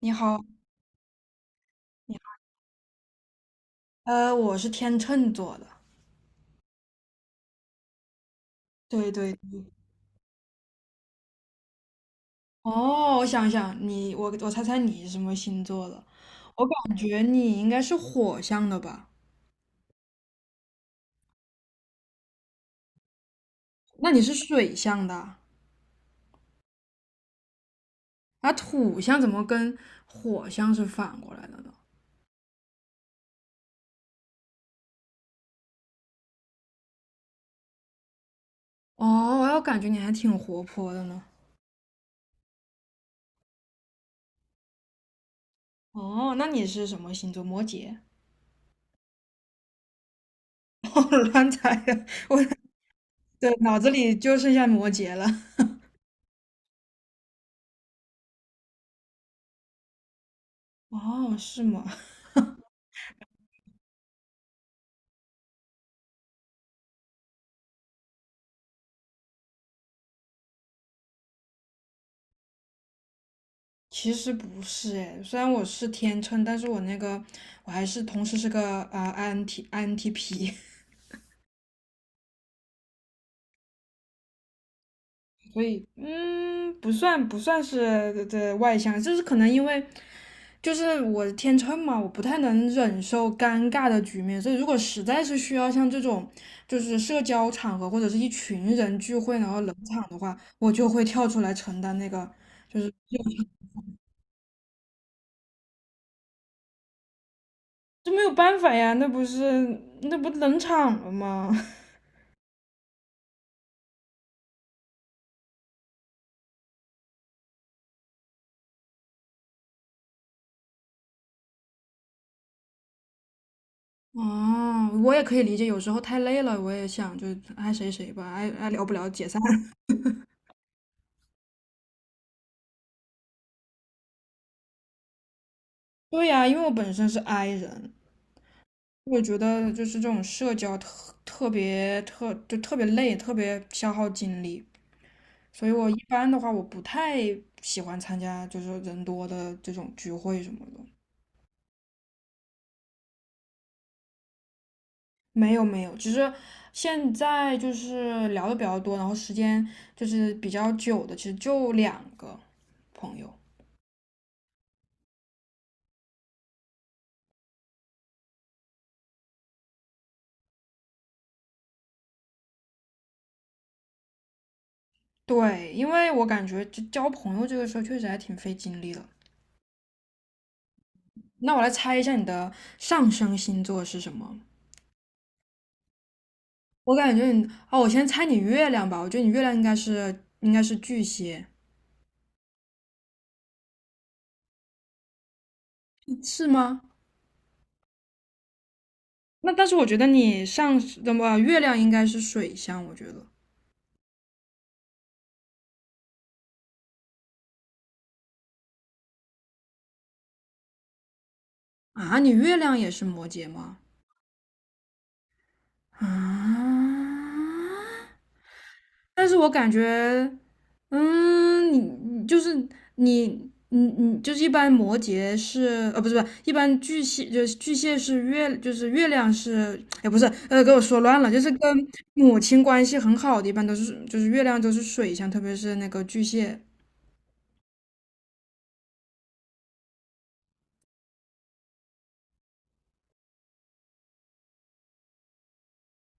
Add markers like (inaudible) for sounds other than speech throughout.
你好，你好，我是天秤座的，对对。哦，我想想，我猜猜你是什么星座的？我感觉你应该是火象的吧？那你是水象的啊，那土象怎么跟火象是反过来的呢？哦，我感觉你还挺活泼的呢。哦，那你是什么星座？摩羯？(laughs) 我乱猜的，我的脑子里就剩下摩羯了。哦，是吗？其实不是哎，虽然我是天秤，但是我那个我还是同时是个INT INTP，(laughs) 所以不算是的外向，就是可能因为就是我天秤嘛，我不太能忍受尴尬的局面，所以如果实在是需要像这种就是社交场合或者是一群人聚会然后冷场的话，我就会跳出来承担那个，这没有办法呀，那不冷场了吗？(laughs) 哦，我也可以理解，有时候太累了，我也想就爱谁谁吧，爱聊不聊解散。(laughs) 对呀，因为我本身是 I 人，我觉得就是这种社交特别累，特别消耗精力，所以我一般的话我不太喜欢参加就是人多的这种聚会什么的。没有没有，只是现在就是聊的比较多，然后时间就是比较久的，其实就两个朋友。对，因为我感觉就交朋友这个事儿确实还挺费精力的。那我来猜一下你的上升星座是什么？我感觉你，哦，我先猜你月亮吧。我觉得你月亮应该是巨蟹，嗯是吗？那但是我觉得你上那么月亮应该是水象，我觉得啊，你月亮也是摩羯吗？啊，但是我感觉你就是你你就是一般摩羯是不是一般巨蟹就是巨蟹是月就是月亮是哎不是给我说乱了，就是跟母亲关系很好的一般都是就是月亮都是水象，特别是那个巨蟹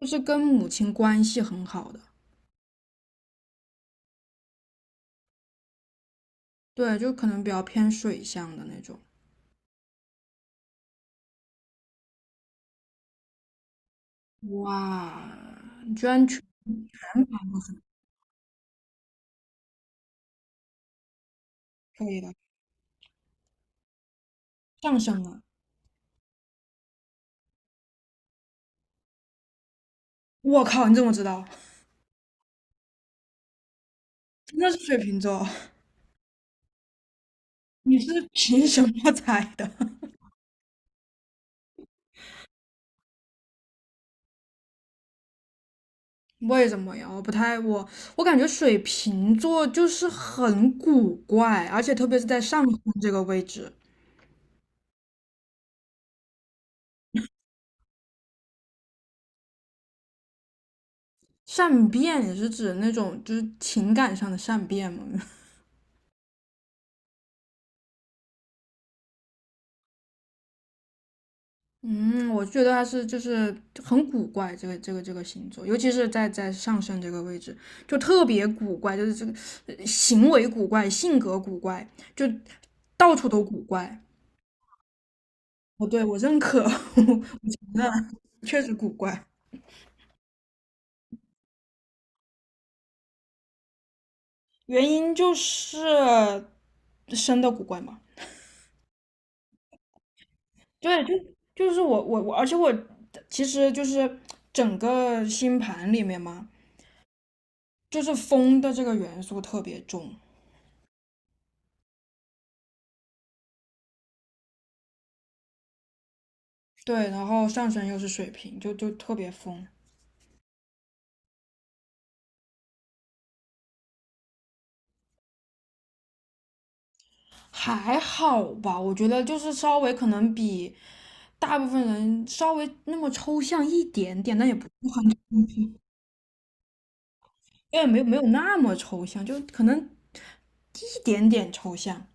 就是跟母亲关系很好的。对，就可能比较偏水象的那种。哇，你居然全可以了，上升了，我靠你怎么知道那是水瓶座。 (laughs) 你是凭什么猜的？为什么呀？我不太我我感觉水瓶座就是很古怪，而且特别是在上升这个位置，善变也是指那种就是情感上的善变嘛。(laughs) 嗯，我觉得他是就是很古怪，这个星座，尤其是在上升这个位置，就特别古怪，就是这个行为古怪，性格古怪，就到处都古怪。哦，对，我认可，(laughs) 我承认，确实古怪。原因就是生的古怪嘛。对，就是我，而且我其实就是整个星盘里面嘛，就是风的这个元素特别重。对，然后上升又是水瓶，就特别疯，还好吧？我觉得就是稍微可能比大部分人稍微那么抽象一点点，但也不是很，因为没有没有那么抽象，就可能一点点抽象。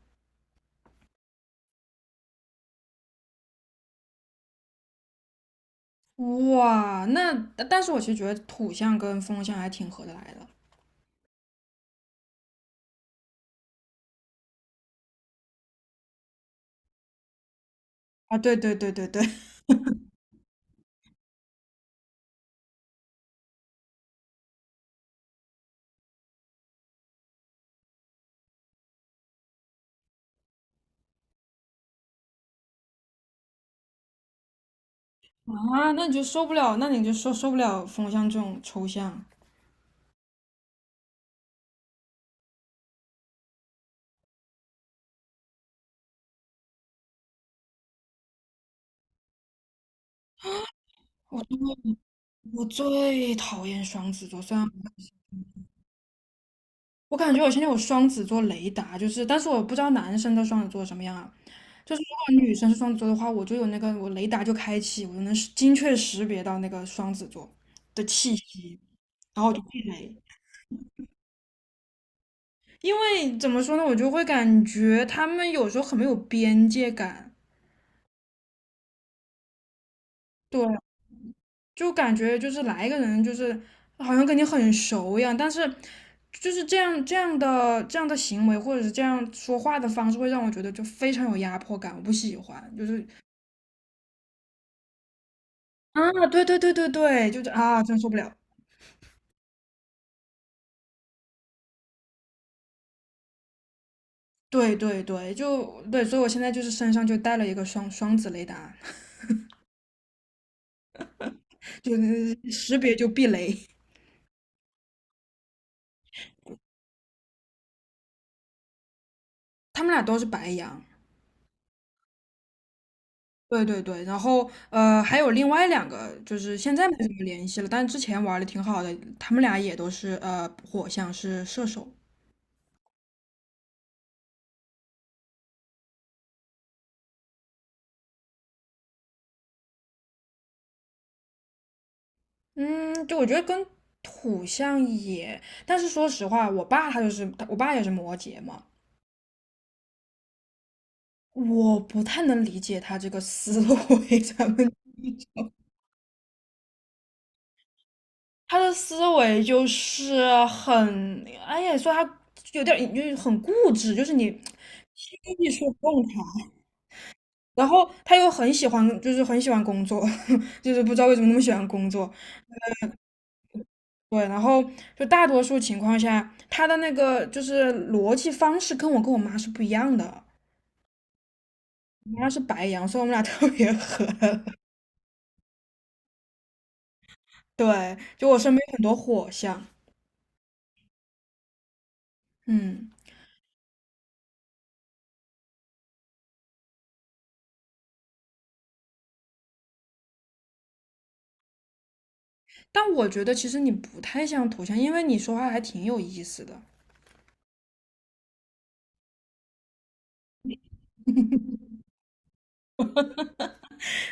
哇，那但是我其实觉得土象跟风象还挺合得来的啊，对对对对对，(laughs) 啊，那你就受不了，那你就受不了风象这种抽象。我我最讨厌双子座，虽然我感觉我现在有双子座雷达，就是，但是我不知道男生的双子座什么样啊。就是如果女生是双子座的话，我就有那个我雷达就开启，我就能识精确识别到那个双子座的气息，然后我就避雷。因为怎么说呢，我就会感觉他们有时候很没有边界感，对，就感觉就是来一个人就是好像跟你很熟一样，但是就是这样的行为或者是这样说话的方式，会让我觉得就非常有压迫感，我不喜欢，就是啊，对对对对对，就是啊，真受不了。对对对，就对，所以我现在就是身上就带了一个双子雷达，(laughs) 就是识别就避雷。他们俩都是白羊，对对对，然后还有另外两个，就是现在没什么联系了，但之前玩的挺好的，他们俩也都是火象是射手，嗯，就我觉得跟土象也，但是说实话，我爸也是摩羯嘛，我不太能理解他这个思维，(laughs) 咱们他的思维就是很，哎呀，说他有点儿就是很固执，就是你轻易说不动他。然后他又很喜欢，就是很喜欢工作，(laughs) 就是不知道为什么那么喜欢工作。对，然后就大多数情况下，他的那个就是逻辑方式跟我妈是不一样的。我妈是白羊，所以我们俩 (laughs) 特别合。(laughs) 对，就我身边有很多火象，嗯，但我觉得其实你不太像土象，因为你说话还挺有意思的。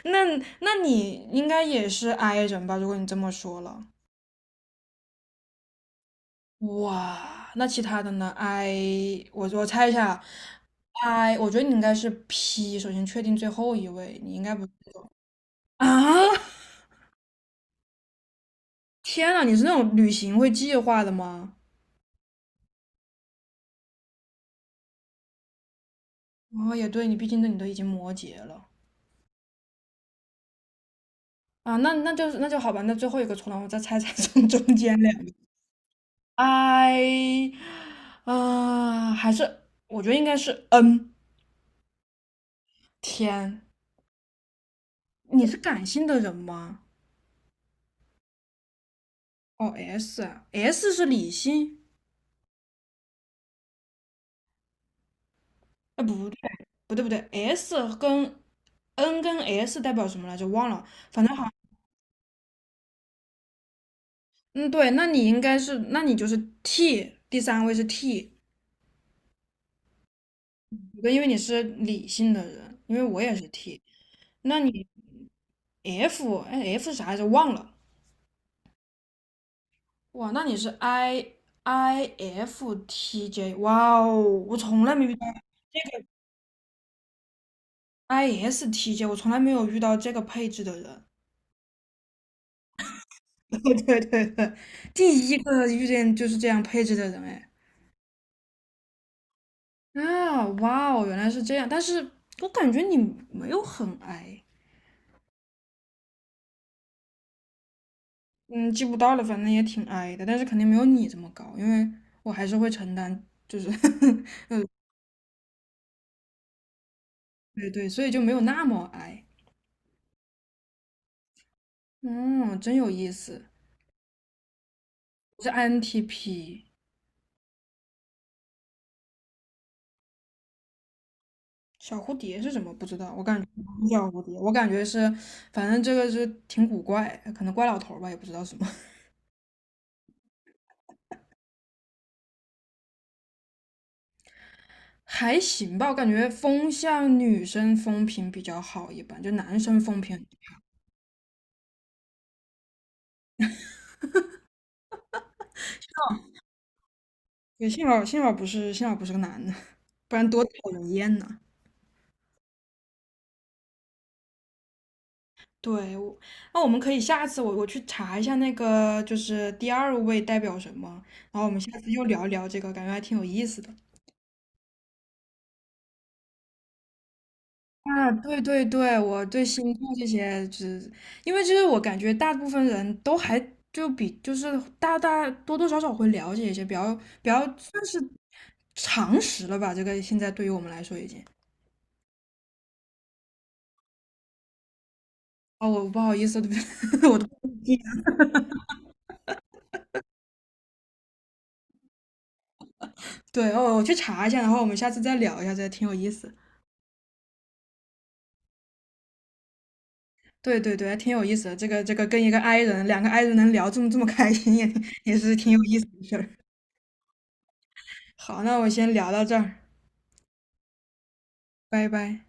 那那你应该也是 I 人吧？如果你这么说了，哇，那其他的呢？I，我猜一下啊，I，我觉得你应该是 P，首先确定最后一位，你应该不是啊？天呐，你是那种旅行会计划的吗？哦，也对，你都已经摩羯了啊，那那就是那就好吧，那最后一个出来，我再猜猜中 (laughs) 中间两个，I，啊、还是我觉得应该是 N。天，你是感性的人吗？哦S，S 是理性。哎，不对，不对，不对，S 跟 N 跟 S 代表什么来着？忘了，反正好，嗯，对，那你应该是，那你就是 T，第三位是 T，对因为你是理性的人，因为我也是 T，那你 F，哎，F 是啥来着？忘了，哇，那你是 I I F T J，哇哦，我从来没遇到 I S T J，我从来没有遇到这个配置的人，(laughs) 对对对，第一个遇见就是这样配置的人，哎。啊，哇哦，原来是这样，但是我感觉你没有很矮，嗯，记不到了，反正也挺矮的，但是肯定没有你这么高，因为我还是会承担，就是 (laughs) 对对，所以就没有那么矮。嗯，真有意思，我是 INTP。小蝴蝶是什么？不知道，我感觉不是小蝴蝶，我感觉是，反正这个是挺古怪，可能怪老头儿吧，也不知道什么，(laughs) 还行吧。我感觉风向女生风评比较好，一般就男生风评也幸好不是个男的，(laughs) 不然多讨人厌呐。对，那我们可以下次我去查一下那个就是第二位代表什么，然后我们下次又聊一聊这个，感觉还挺有意思的。啊，对对对，我对星座这些，就是因为就是我感觉大部分人都还就是大多少少会了解一些，比较算是常识了吧。这个现在对于我们来说已经，哦，我不好意思，(laughs) 我的对哦，我去查一下，然后我们下次再聊一下，这挺有意思。对对对，还挺有意思的。这个跟一个 i 人，两个 i 人能聊这么开心，(laughs) 也是挺有意思的事儿。好，那我先聊到这儿，拜拜。